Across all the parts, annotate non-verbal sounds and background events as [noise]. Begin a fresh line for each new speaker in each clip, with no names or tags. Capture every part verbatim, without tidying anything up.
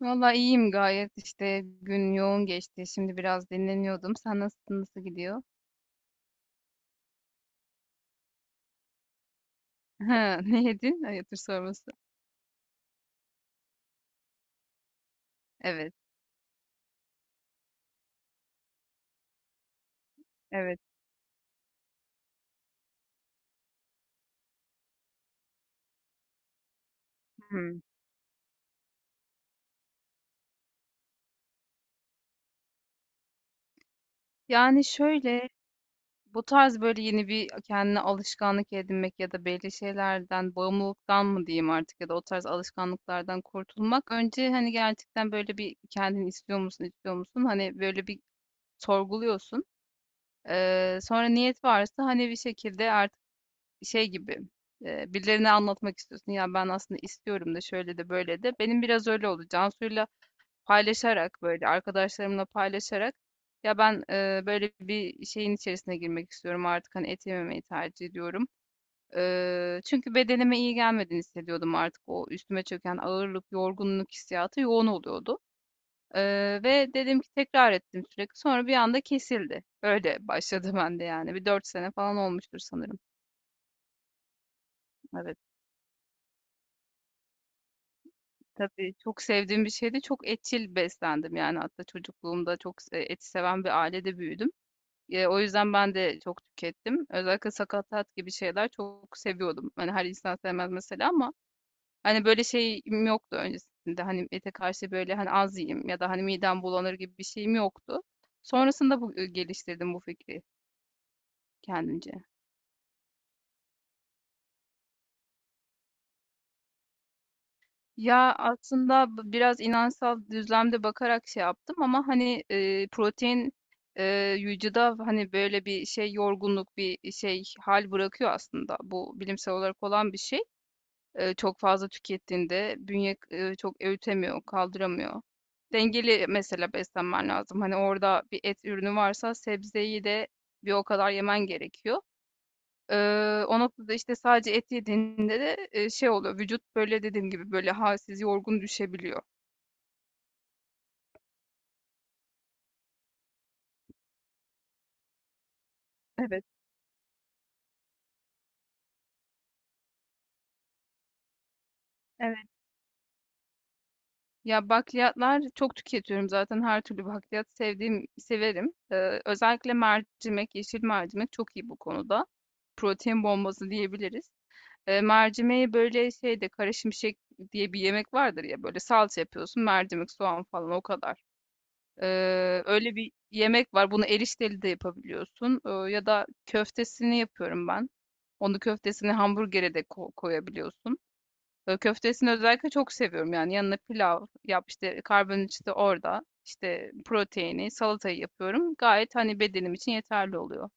Valla iyiyim gayet işte gün yoğun geçti. Şimdi biraz dinleniyordum. Sen nasılsın? Nasıl gidiyor? [laughs] Ha, ne yedin? Hayatır sorması. Evet. Evet. Hmm. Yani şöyle bu tarz böyle yeni bir kendine alışkanlık edinmek ya da belli şeylerden bağımlılıktan mı diyeyim artık ya da o tarz alışkanlıklardan kurtulmak. Önce hani gerçekten böyle bir kendini istiyor musun, istiyor musun? Hani böyle bir sorguluyorsun. Ee, sonra niyet varsa hani bir şekilde şey gibi e, birilerine anlatmak istiyorsun. Ya ben aslında istiyorum da şöyle de böyle de. Benim biraz öyle oldu. Cansu'yla paylaşarak böyle arkadaşlarımla paylaşarak ya ben e, böyle bir şeyin içerisine girmek istiyorum artık hani et yememeyi tercih ediyorum. E, çünkü bedenime iyi gelmediğini hissediyordum artık o üstüme çöken ağırlık, yorgunluk hissiyatı yoğun oluyordu. E, Ve dedim ki tekrar ettim sürekli. Sonra bir anda kesildi. Öyle başladı [laughs] bende yani. Bir dört sene falan olmuştur sanırım. Evet. Tabii çok sevdiğim bir şeydi. Çok etçil beslendim yani hatta çocukluğumda çok se- eti seven bir ailede büyüdüm. E, o yüzden ben de çok tükettim. Özellikle sakatat gibi şeyler çok seviyordum. Hani her insan sevmez mesela ama hani böyle şeyim yoktu öncesinde. Hani ete karşı böyle hani az yiyeyim ya da hani midem bulanır gibi bir şeyim yoktu. Sonrasında bu geliştirdim bu fikri kendimce. Ya aslında b- biraz inançsal düzlemde bakarak şey yaptım ama hani e, protein e, vücuda hani böyle bir şey yorgunluk bir şey hal bırakıyor aslında. Bu bilimsel olarak olan bir şey. E, çok fazla tükettiğinde bünye e, çok öğütemiyor, kaldıramıyor. Dengeli mesela beslenmen lazım. Hani orada bir et ürünü varsa sebzeyi de bir o kadar yemen gerekiyor. Eee, o noktada, işte, sadece et yediğinde de, eee, şey oluyor, vücut, böyle, dediğim gibi, böyle, halsiz, yorgun düşebiliyor. Evet, evet. Ya, bakliyatlar çok tüketiyorum zaten her türlü bakliyat sevdiğim severim. Eee, özellikle mercimek, yeşil mercimek çok iyi bu konuda. Protein bombası diyebiliriz. Eee, mercimeği, böyle, şeyde, kara şimşek diye bir yemek vardır ya, böyle, salça yapıyorsun, mercimek, soğan falan o kadar. Ee, öyle bir yemek var. Bunu erişteli de yapabiliyorsun. Ee, ya da köftesini yapıyorum ben. Onu köftesini hamburgere de ko- koyabiliyorsun. Ee, köftesini özellikle çok seviyorum. Yani yanına pilav yap işte karbonhidratı orada. İşte proteini, salatayı yapıyorum. Gayet hani bedenim için yeterli oluyor.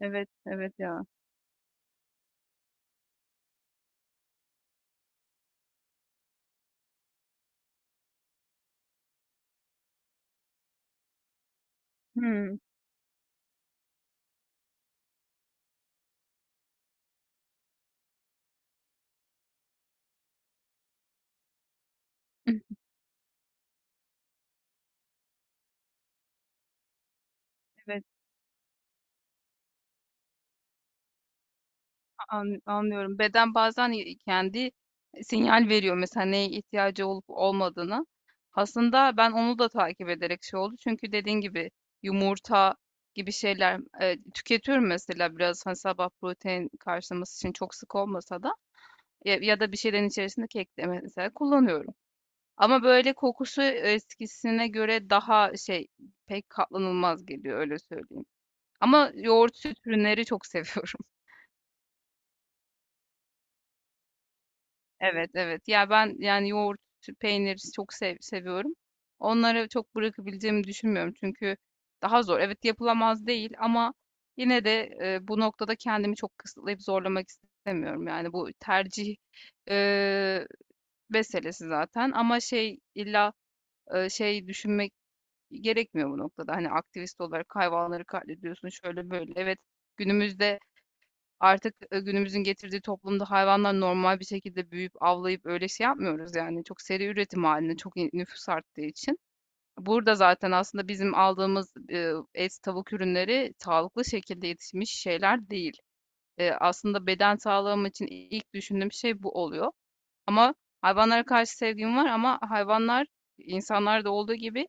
Evet, evet ya. Hmm, [laughs] evet. An anlıyorum. Beden bazen, iii, kendi e, sinyal veriyor mesela neye ihtiyacı olup olmadığını. Aslında ben onu da takip ederek şey oldu çünkü dediğin gibi yumurta gibi şeyler, eee, tüketiyorum mesela biraz, hani, sabah protein karşılaması için çok sık olmasa da ya ya da bir şeylerin içerisinde kek de mesela kullanıyorum. Ama böyle kokusu eskisine göre daha şey, pek katlanılmaz geliyor öyle söyleyeyim. Ama yoğurt, süt ürünleri çok [laughs] seviyorum. Evet, evet. Ya ben yani yoğurt, süt, peynir çok sev seviyorum. Onları çok bırakabileceğimi düşünmüyorum çünkü daha zor. Evet yapılamaz değil ama yine de e, bu noktada kendimi çok kısıtlayıp zorlamak istemiyorum. Yani bu tercih e, meselesi zaten ama şey illa e, şey düşünmek gerekmiyor bu noktada. Hani aktivist olarak hayvanları katlediyorsun şöyle böyle. Evet günümüzde artık, eee, günümüzün getirdiği toplumda hayvanlar normal bir şekilde büyüyüp, avlayıp öyle şey yapmıyoruz yani. Çok seri üretim halinde çok i nüfus arttığı için. Burada zaten aslında bizim aldığımız, eee, et, tavuk ürünleri sağlıklı şekilde yetişmiş şeyler değil. Eee, aslında beden sağlığım için ilk düşündüğüm şey bu oluyor. Ama hayvanlara karşı sevgim var ama hayvanlar insanlarda olduğu gibi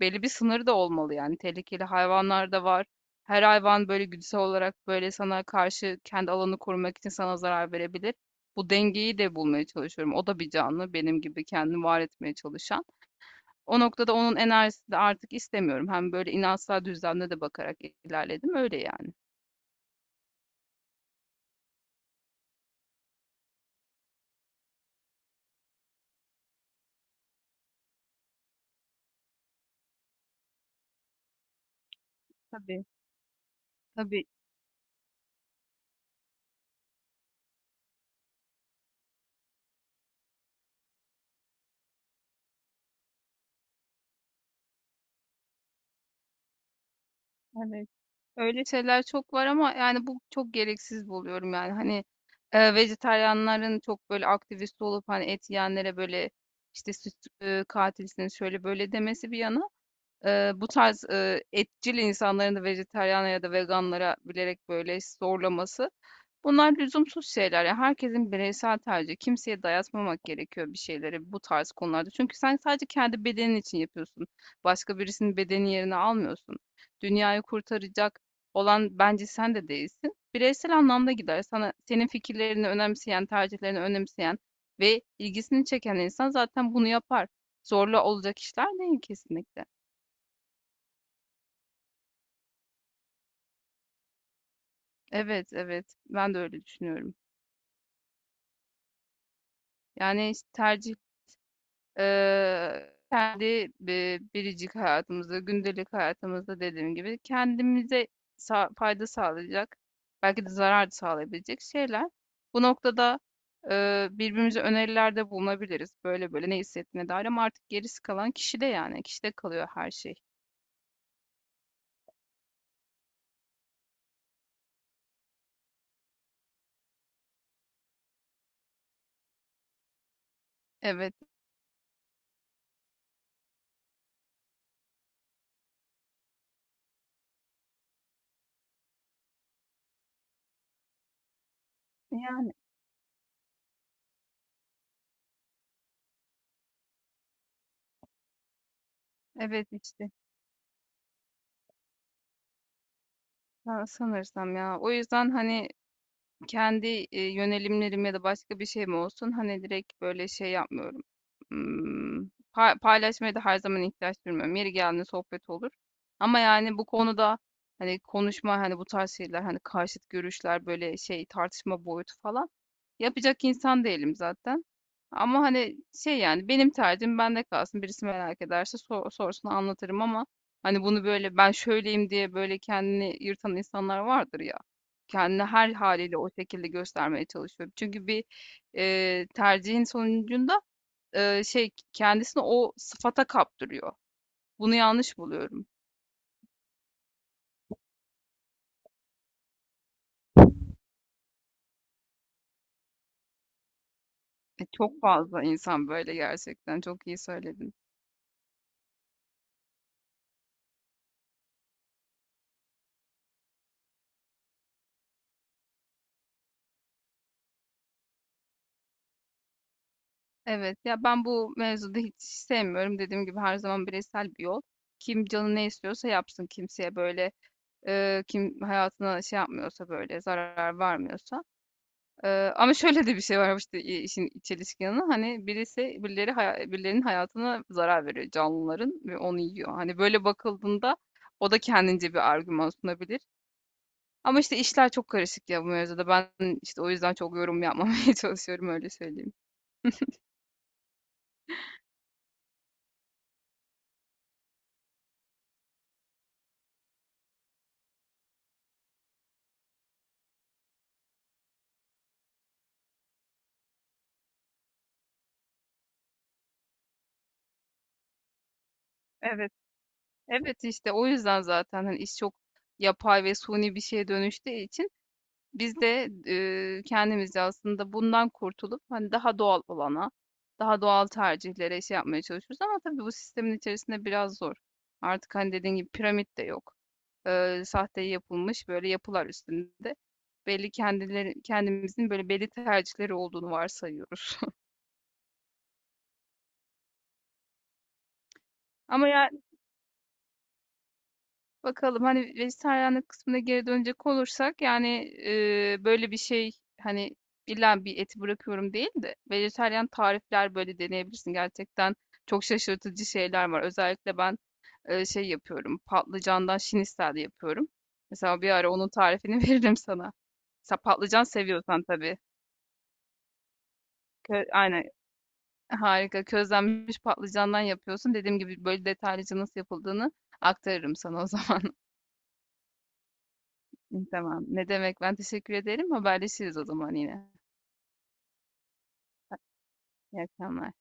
belli bir sınırı da olmalı yani. Tehlikeli hayvanlar da var. Her hayvan böyle güdüsel olarak böyle sana karşı kendi alanını korumak için sana zarar verebilir. Bu dengeyi de bulmaya çalışıyorum. O da bir canlı, benim gibi kendini var etmeye çalışan. O noktada onun enerjisini de artık istemiyorum. Hem böyle inançsal düzlemde de bakarak ilerledim öyle yani. Tabii, tabii. Hani öyle şeyler çok var ama yani bu çok gereksiz buluyorum yani hani e, vejetaryenlerin çok böyle aktivist olup hani et yiyenlere böyle işte süt e, katilsiniz şöyle böyle demesi bir yana. Eee, bu tarz eee, etçil insanların da vejetaryen ya da veganlara bilerek böyle zorlaması. Bunlar lüzumsuz şeyler. Yani herkesin bireysel tercihi. Kimseye dayatmamak gerekiyor bir şeyleri bu tarz konularda. Çünkü sen sadece kendi bedenin için yapıyorsun. Başka birisinin bedeni yerine almıyorsun. Dünyayı kurtaracak olan bence sen de değilsin. Bireysel anlamda gider. Sana senin fikirlerini önemseyen, tercihlerini önemseyen ve ilgisini çeken insan zaten bunu yapar. Zorla olacak işler değil kesinlikle. Evet, evet. Ben de öyle düşünüyorum. Yani işte tercih eee, kendi bi- biricik hayatımızda, gündelik hayatımızda dediğim gibi kendimize sa- fayda sağlayacak, belki de zarar sağlayabilecek şeyler. Bu noktada eee, birbirimize önerilerde bulunabiliriz. Böyle böyle ne hissettiğine dair ama artık gerisi kalan kişide yani. Kişide kalıyor her şey. Evet. Yani evet işte. Ben sanırsam ya. O yüzden hani kendi, eee, yönelimlerim ya da başka bir şey mi olsun, hani, direkt, böyle, şey yapmıyorum. Imm, pa paylaşmaya da her zaman ihtiyaç duymuyorum. Yeri geldiğinde sohbet olur ama, yani, bu konuda, hani, konuşma, hani, bu tarz şeyler, hani, karşıt görüşler, böyle, şey, tartışma boyutu falan yapacak insan değilim zaten. Ama hani şey yani benim tercihim bende kalsın. Birisi merak ederse sor- sorsun anlatırım ama hani bunu böyle ben şöyleyim diye böyle kendini yırtan insanlar vardır ya. Kendini her haliyle o şekilde göstermeye çalışıyor. Çünkü bir e, tercihin sonucunda e, şey kendisini o sıfata kaptırıyor. Bunu yanlış buluyorum. E, çok fazla insan böyle gerçekten. Çok iyi söyledin. Evet ya ben bu mevzuda hiç sevmiyorum. Dediğim gibi her zaman bireysel bir yol. Kim canı ne istiyorsa yapsın kimseye böyle e, kim hayatına şey yapmıyorsa böyle zarar vermiyorsa. E, Ama şöyle de bir şey var işte i- işin çelişki yanı hani birisi birileri haya- birilerinin hayatına zarar veriyor canlıların ve onu yiyor. Hani böyle bakıldığında o da kendince bir argüman sunabilir. Ama işte işler çok karışık ya bu mevzuda. Ben işte o yüzden çok yorum yapmamaya [laughs] çalışıyorum öyle söyleyeyim. Evet. Evet, işte o yüzden zaten, hani, iş çok yapay ve suni bir şeye dönüştüğü için biz de, eee, kendimizce aslında bundan kurtulup, hani, daha doğal olana, daha doğal tercihlere şey yapmaya çalışıyoruz ama tabii bu sistemin içerisinde biraz zor. Artık, hani, dediğin gibi piramit de yok. Eee, sahte yapılmış böyle yapılar üstünde. Belli kendileri kendimizin böyle belli tercihleri olduğunu varsayıyoruz. [laughs] Ama ya bakalım hani vejetaryenlik kısmına geri dönecek olursak yani e, böyle bir şey hani illa bir eti bırakıyorum değil de vejetaryen tarifler böyle deneyebilirsin. Gerçekten çok şaşırtıcı şeyler var. Özellikle ben e, şey yapıyorum patlıcandan şinistel yapıyorum. Mesela bir ara onun tarifini [laughs] veririm sana. Mesela patlıcan seviyorsan tabii. Kö Aynen harika közlenmiş patlıcandan yapıyorsun. Dediğim gibi böyle detaylıca nasıl yapıldığını aktarırım sana o zaman. Tamam. Ne demek, ben teşekkür ederim. Haberleşiriz o zaman yine. İyi akşamlar.